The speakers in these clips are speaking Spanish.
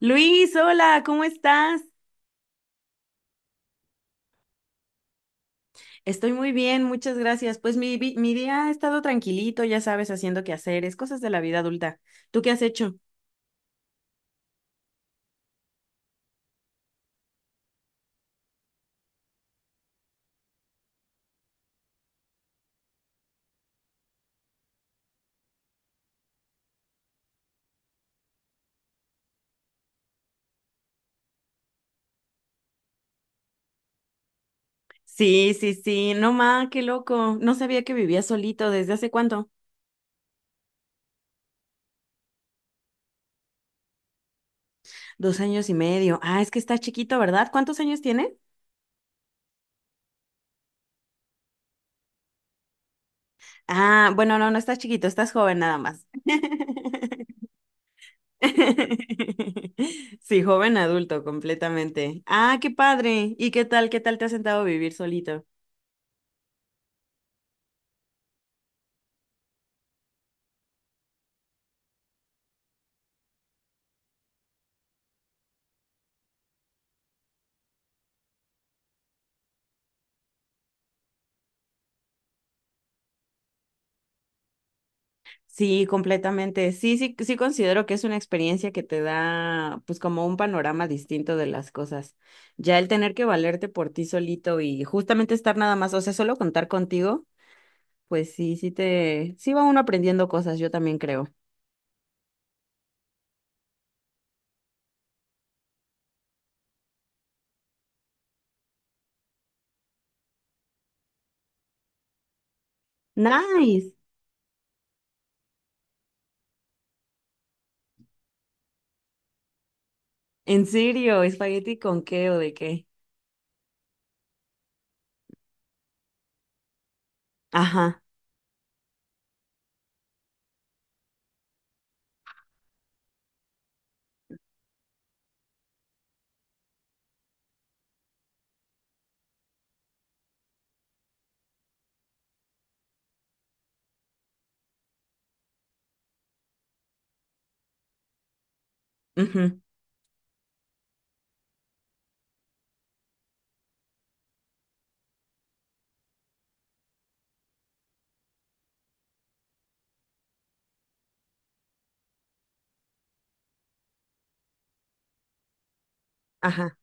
Luis, hola, ¿cómo estás? Estoy muy bien, muchas gracias. Pues mi día ha estado tranquilito, ya sabes, haciendo quehaceres, cosas de la vida adulta. ¿Tú qué has hecho? Sí, sí, sí, no ma, qué loco. No sabía que vivías solito. ¿Desde hace cuánto? 2 años y medio. Ah, es que estás chiquito, ¿verdad? ¿Cuántos años tiene? Ah, bueno, no, no estás chiquito, estás joven nada más. Sí, joven adulto, completamente. Ah, qué padre. ¿Y qué tal? ¿Qué tal te has sentado a vivir solito? Sí, completamente. Sí, sí, sí considero que es una experiencia que te da, pues, como un panorama distinto de las cosas. Ya el tener que valerte por ti solito y justamente estar nada más, o sea, solo contar contigo, pues sí, sí va uno aprendiendo cosas, yo también creo. Nice. ¿En serio? ¿Espagueti con qué o de qué? Ajá. Ujú. Ajá.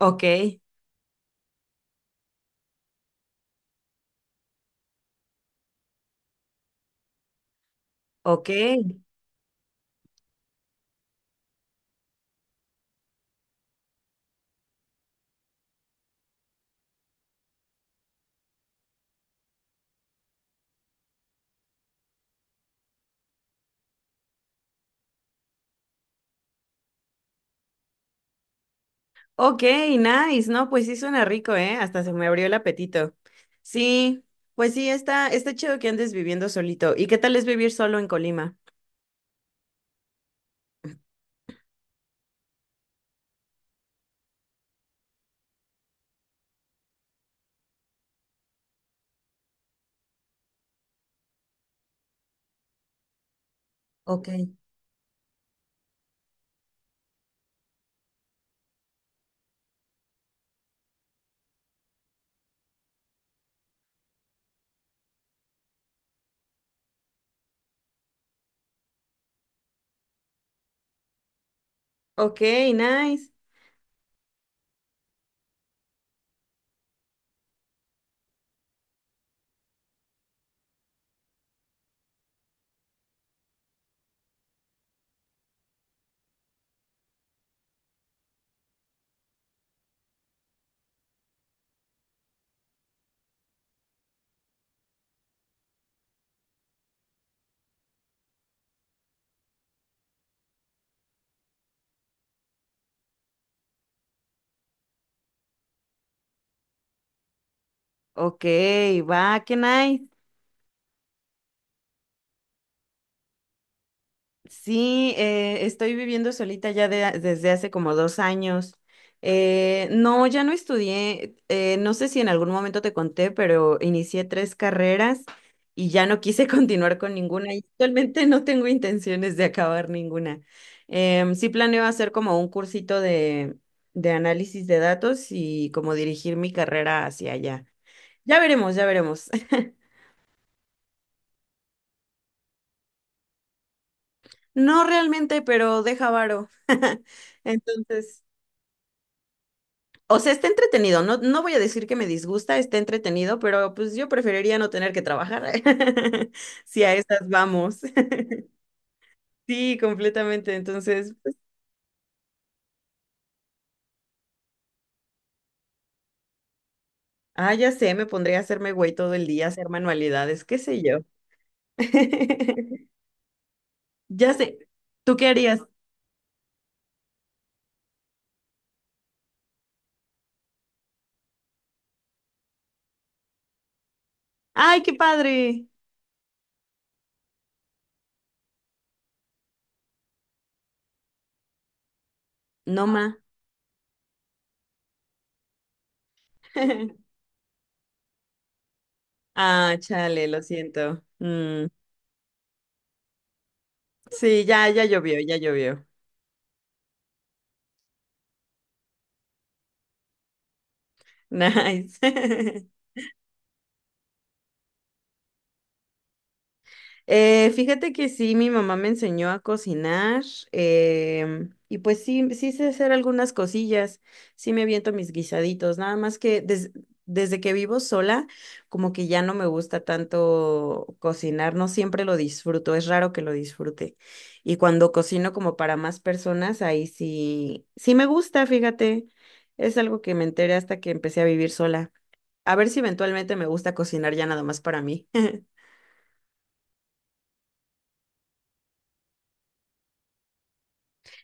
Ok. Ok. Ok, nice, ¿no? Pues sí suena rico, ¿eh? Hasta se me abrió el apetito. Sí, pues sí, está chido que andes viviendo solito. ¿Y qué tal es vivir solo en Colima? Ok. Ok, nice. Ok, va, qué nice. Sí, estoy viviendo solita ya de desde hace como 2 años. No, ya no estudié. No sé si en algún momento te conté, pero inicié tres carreras y ya no quise continuar con ninguna y actualmente no tengo intenciones de acabar ninguna. Sí planeo hacer como un cursito de análisis de datos y como dirigir mi carrera hacia allá. Ya veremos, ya veremos. No realmente, pero deja varo. Entonces, o sea, está entretenido. No, no voy a decir que me disgusta, está entretenido, pero pues yo preferiría no tener que trabajar. Si a esas vamos. Sí, completamente. Entonces, pues, ah, ya sé, me pondría a hacerme güey todo el día, hacer manualidades, qué sé yo. Ya sé. ¿Tú qué harías? ¡Ay, qué padre! No, ma. Ah, chale, lo siento. Mm, sí, ya, ya llovió, ya llovió. Nice. Fíjate que sí, mi mamá me enseñó a cocinar y pues sí, sí sé hacer algunas cosillas, sí me aviento mis guisaditos, nada más que desde que vivo sola, como que ya no me gusta tanto cocinar, no siempre lo disfruto, es raro que lo disfrute. Y cuando cocino como para más personas, ahí sí, sí me gusta, fíjate, es algo que me enteré hasta que empecé a vivir sola. A ver si eventualmente me gusta cocinar ya nada más para mí.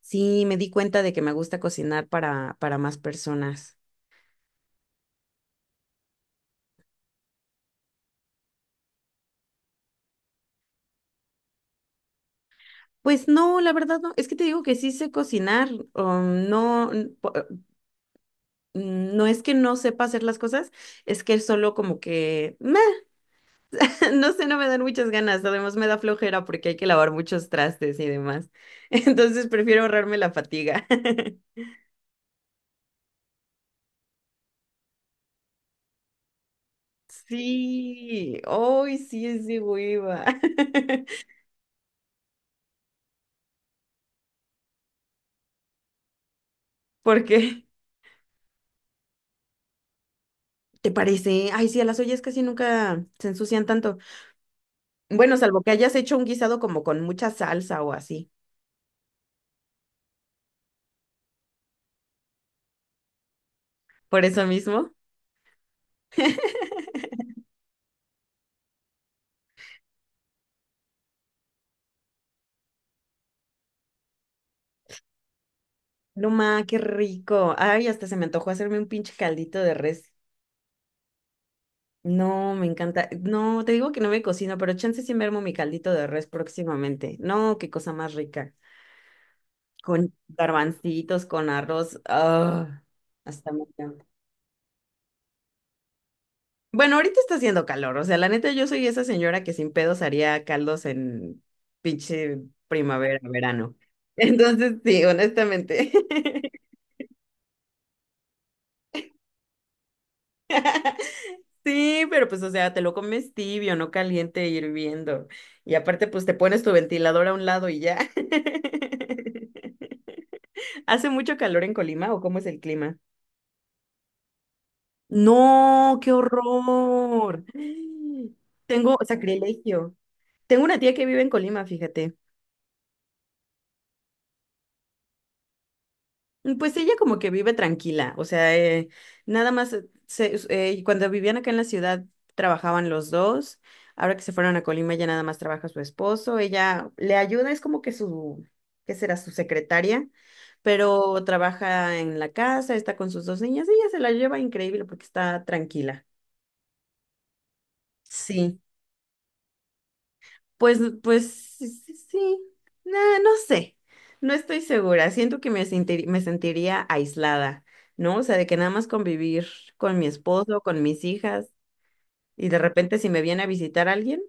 Sí, me di cuenta de que me gusta cocinar para más personas. Pues no, la verdad no. Es que te digo que sí sé cocinar. No, no es que no sepa hacer las cosas, es que solo como que, meh, no sé, no me dan muchas ganas. Además me da flojera porque hay que lavar muchos trastes y demás. Entonces prefiero ahorrarme la fatiga. Sí, hoy sí es de hueva. ¿Por qué? ¿Te parece? Ay, sí, a las ollas casi nunca se ensucian tanto. Bueno, salvo que hayas hecho un guisado como con mucha salsa o así. Por eso mismo. No ma, qué rico. Ay, hasta se me antojó hacerme un pinche caldito de res. No, me encanta. No, te digo que no me cocino, pero chance sí me armo mi caldito de res próximamente. No, qué cosa más rica. Con garbancitos, con arroz. Ah, hasta me Bueno, ahorita está haciendo calor, o sea, la neta yo soy esa señora que sin pedos haría caldos en pinche primavera, verano. Entonces, sí, honestamente. Sí, pero pues, o sea, te lo comes tibio, no caliente, hirviendo. Y aparte, pues te pones tu ventilador a un lado y ya. ¿Hace mucho calor en Colima o cómo es el clima? No, qué horror. Tengo sacrilegio. Tengo una tía que vive en Colima, fíjate. Pues ella como que vive tranquila, o sea, nada más, cuando vivían acá en la ciudad trabajaban los dos, ahora que se fueron a Colima ya nada más trabaja su esposo, ella le ayuda, es como que su, ¿qué será? Su secretaria, pero trabaja en la casa, está con sus dos niñas, ella se la lleva increíble porque está tranquila. Sí. Pues sí, sí, sí. Nah, no sé, no estoy segura. Siento que me sentiría aislada, ¿no? O sea, de que nada más convivir con mi esposo, con mis hijas, y de repente si me viene a visitar alguien,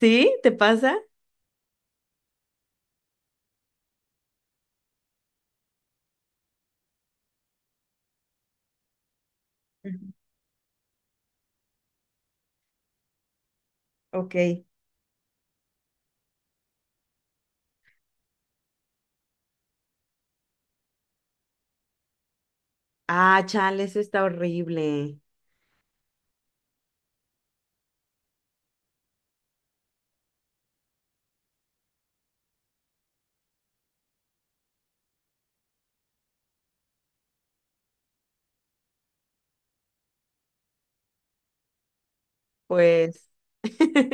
¿sí? ¿Te pasa? Ujú. Ok. Ah, chale, eso está horrible. Pues,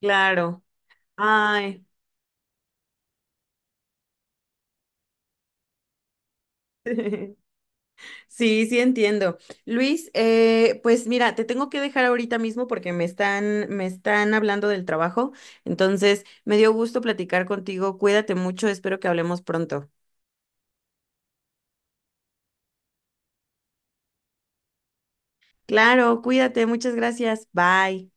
claro. Ay. Sí, sí entiendo. Luis, pues mira, te tengo que dejar ahorita mismo porque me están hablando del trabajo. Entonces, me dio gusto platicar contigo. Cuídate mucho, espero que hablemos pronto. Claro, cuídate, muchas gracias. Bye.